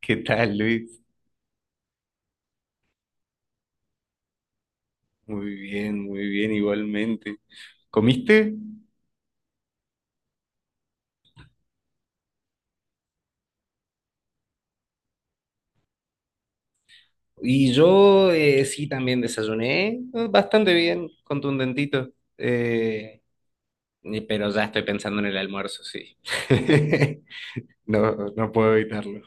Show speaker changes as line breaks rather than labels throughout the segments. ¿Qué tal, Luis? Muy bien, igualmente. ¿Comiste? Y yo sí también desayuné, bastante bien, contundentito, eh, pero ya estoy pensando en el almuerzo, sí. No, no puedo evitarlo.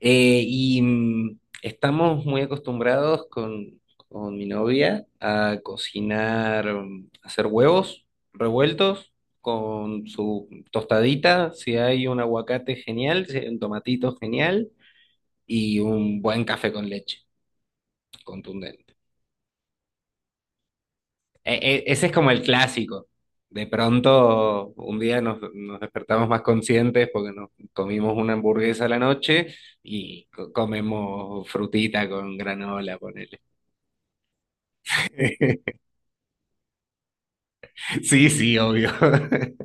Estamos muy acostumbrados con mi novia a cocinar, hacer huevos revueltos con su tostadita, si hay un aguacate genial, si hay un tomatito genial y un buen café con leche contundente. Ese es como el clásico. De pronto, un día nos despertamos más conscientes porque nos comimos una hamburguesa a la noche y comemos frutita con granola, con… Sí, sí, obvio.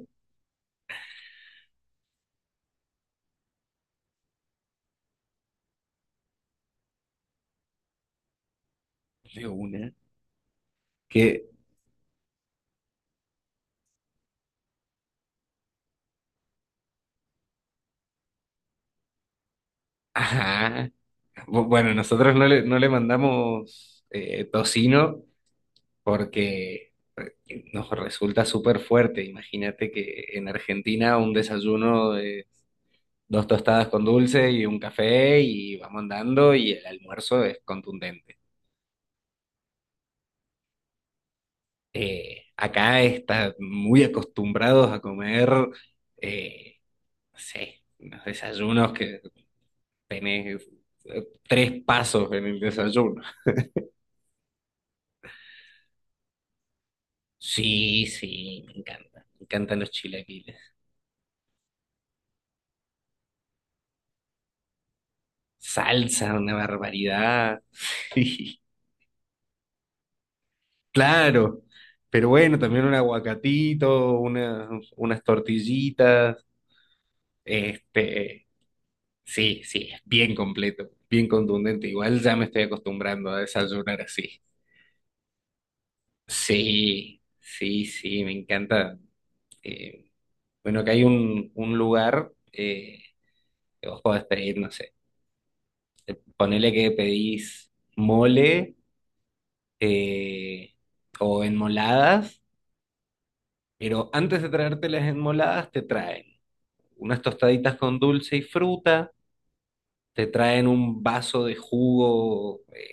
De una. Que, ajá. Bueno, nosotros no le mandamos tocino porque nos resulta súper fuerte. Imagínate que en Argentina un desayuno de dos tostadas con dulce y un café y vamos andando, y el almuerzo es contundente. Acá están muy acostumbrados a comer, eh, no sé, unos desayunos que… Tenés, tres pasos en el desayuno. Sí, sí, me encanta. Me encantan los chilaquiles. Salsa, una barbaridad. Sí, claro. Pero bueno, también un aguacatito, unas, unas tortillitas. Este, sí, sí, es bien completo, bien contundente. Igual ya me estoy acostumbrando a desayunar así. Sí, sí, sí, me encanta. Eh, bueno, acá hay un lugar. Ojo, pedir, no sé. Ponele que pedís mole, eh, o enmoladas, pero antes de traerte las enmoladas, te traen unas tostaditas con dulce y fruta, te traen un vaso de jugo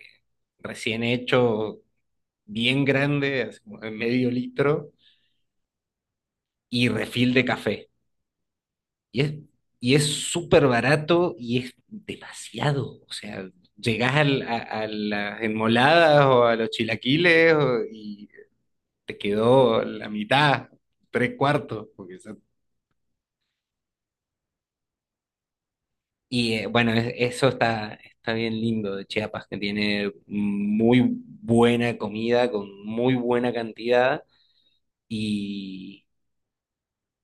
recién hecho, bien grande, así como de medio litro, y refil de café. Y es, y es súper barato y es demasiado. O sea, llegás al- a, a las enmoladas o a los chilaquiles y te quedó la mitad, tres cuartos. Porque y bueno, eso está, está bien lindo de Chiapas, que tiene muy buena comida con muy buena cantidad y,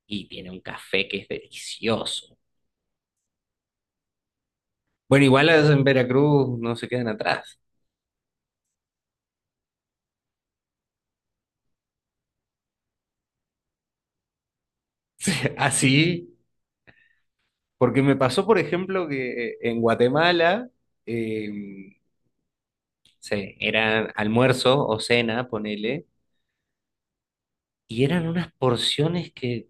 y tiene un café que es delicioso. Bueno, igual en Veracruz no se quedan atrás. Así. Porque me pasó, por ejemplo, que en Guatemala, eh, sí, eran almuerzo o cena, ponele, y eran unas porciones que,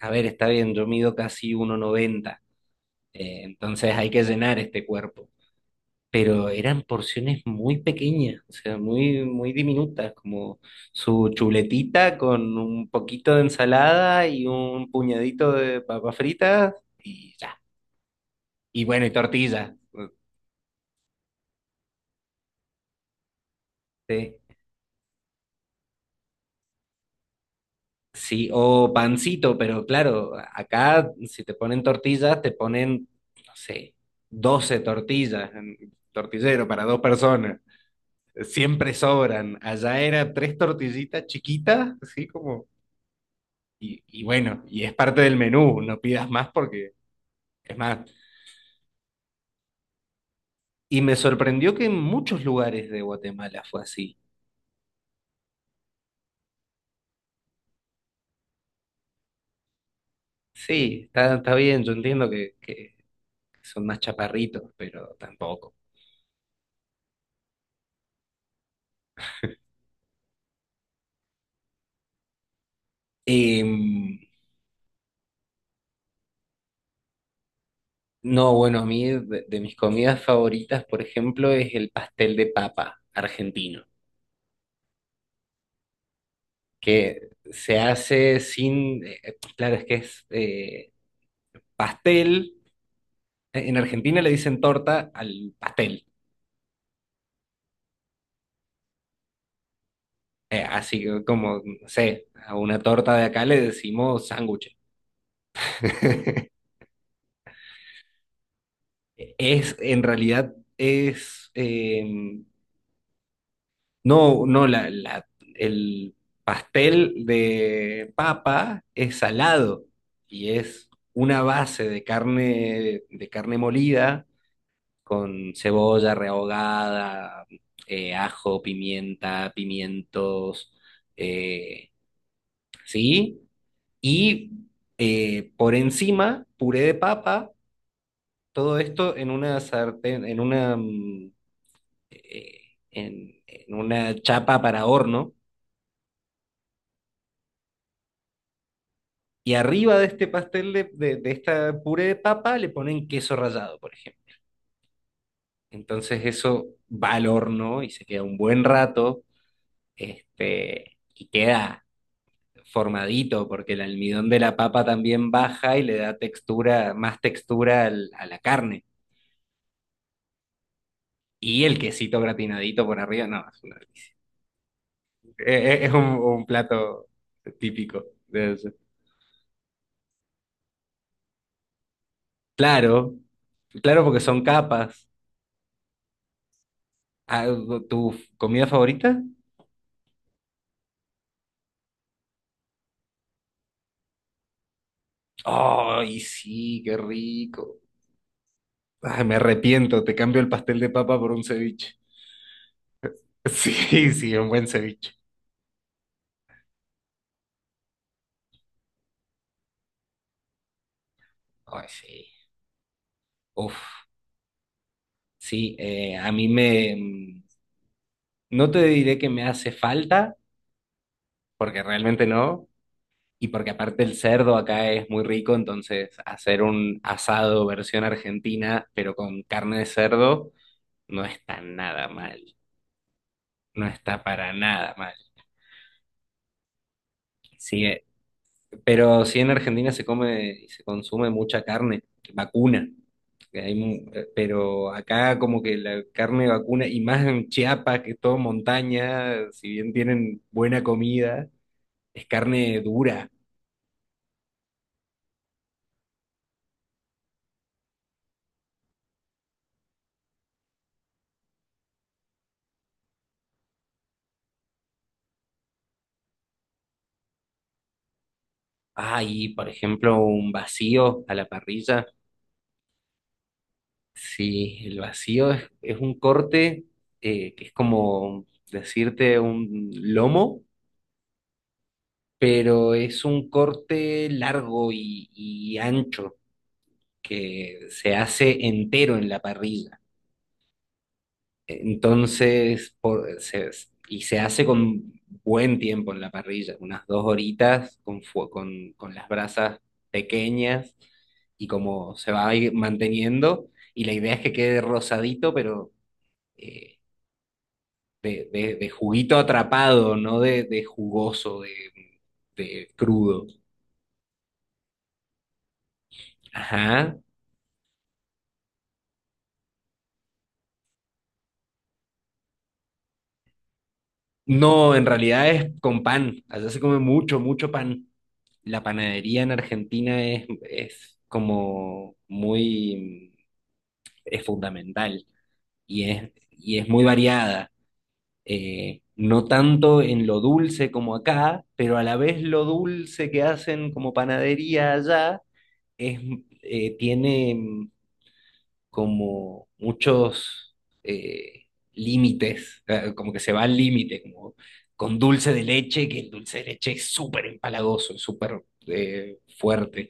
a ver, está bien, yo mido casi 1,90, entonces hay que llenar este cuerpo, pero eran porciones muy pequeñas, o sea, muy, muy diminutas, como su chuletita con un poquito de ensalada y un puñadito de papas fritas y ya. Y bueno, y tortilla. Sí. Sí, o pancito, pero claro, acá si te ponen tortillas, te ponen, no sé, 12 tortillas, tortillero para dos personas. Siempre sobran. Allá era tres tortillitas chiquitas, así como… Y, y bueno, y es parte del menú, no pidas más porque es más. Y me sorprendió que en muchos lugares de Guatemala fue así. Sí, está, está bien, yo entiendo que son más chaparritos, pero tampoco. Em, No, bueno, a mí de mis comidas favoritas, por ejemplo, es el pastel de papa argentino, que se hace sin, claro, es que es pastel, E, en Argentina le dicen torta al pastel, así que como, no sé, a una torta de acá le decimos sándwich. Es, en realidad, es, no, no, el pastel de papa es salado y es una base de carne molida con cebolla rehogada, ajo, pimienta, pimientos, eh, ¿sí? Y por encima, puré de papa, todo esto en una sartén, en una, eh, en una chapa para horno. Y arriba de este pastel de esta puré de papa le ponen queso rallado, por ejemplo. Entonces eso va al horno y se queda un buen rato, este, y queda formadito porque el almidón de la papa también baja y le da textura, más textura a la carne. Y el quesito gratinadito por arriba, no, es, una delicia. Es un plato típico de eso. Claro, claro porque son capas. Ah, ¿tu comida favorita? Ay, sí, qué rico. Ay, me arrepiento, te cambio el pastel de papa por un ceviche. Sí, sí, un buen ceviche. Ay, sí. Uf, sí, a mí me… no te diré que me hace falta, porque realmente no, y porque aparte el cerdo acá es muy rico, entonces hacer un asado versión argentina, pero con carne de cerdo, no está nada mal. No está para nada mal. Sí, pero sí en Argentina se come y se consume mucha carne vacuna. Que pero acá como que la carne vacuna, y más en Chiapas, que es todo montaña, si bien tienen buena comida, es carne dura. Ah, y por ejemplo un vacío a la parrilla. Sí, el vacío es un corte que es como decirte un lomo, pero es un corte largo y ancho. Que se hace entero en la parrilla. Entonces, por- se- y se hace con buen tiempo en la parrilla, unas dos horitas con las brasas pequeñas y como se va a ir manteniendo. Y la idea es que quede rosadito, pero eh, de, de juguito atrapado, no de, de jugoso, de crudo. Ajá. No, en realidad es con pan. Allá se come mucho, mucho pan. La panadería en Argentina es como muy, es fundamental y es muy variada. No tanto en lo dulce como acá, pero a la vez lo dulce que hacen como panadería allá es, tiene como muchos, eh, límites, como que se va al límite, como con dulce de leche, que el dulce de leche es súper empalagoso, es súper, fuerte,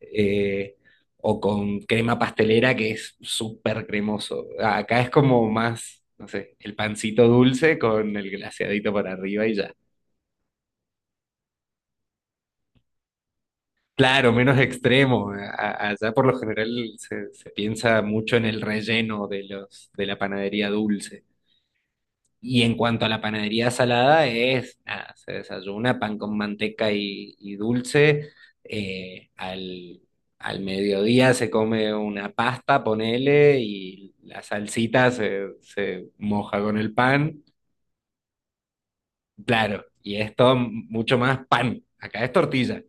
eh, o con crema pastelera que es súper cremoso. Acá es como más, no sé, el pancito dulce con el glaseadito para arriba y ya. Claro, menos extremo. Allá por lo general se piensa mucho en el relleno de los, de la panadería dulce. Y en cuanto a la panadería salada, es, nada, se desayuna pan con manteca y dulce. eh, al, Al mediodía se come una pasta, ponele, y la salsita se, se moja con el pan. Claro, y esto mucho más pan. Acá es tortilla,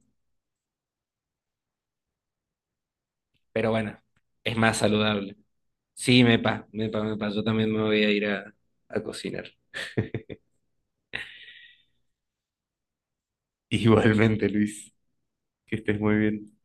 pero bueno, es más saludable. Sí, mepa, mepa, mepa. Yo también me voy a ir a cocinar. Igualmente, Luis, que estés muy bien.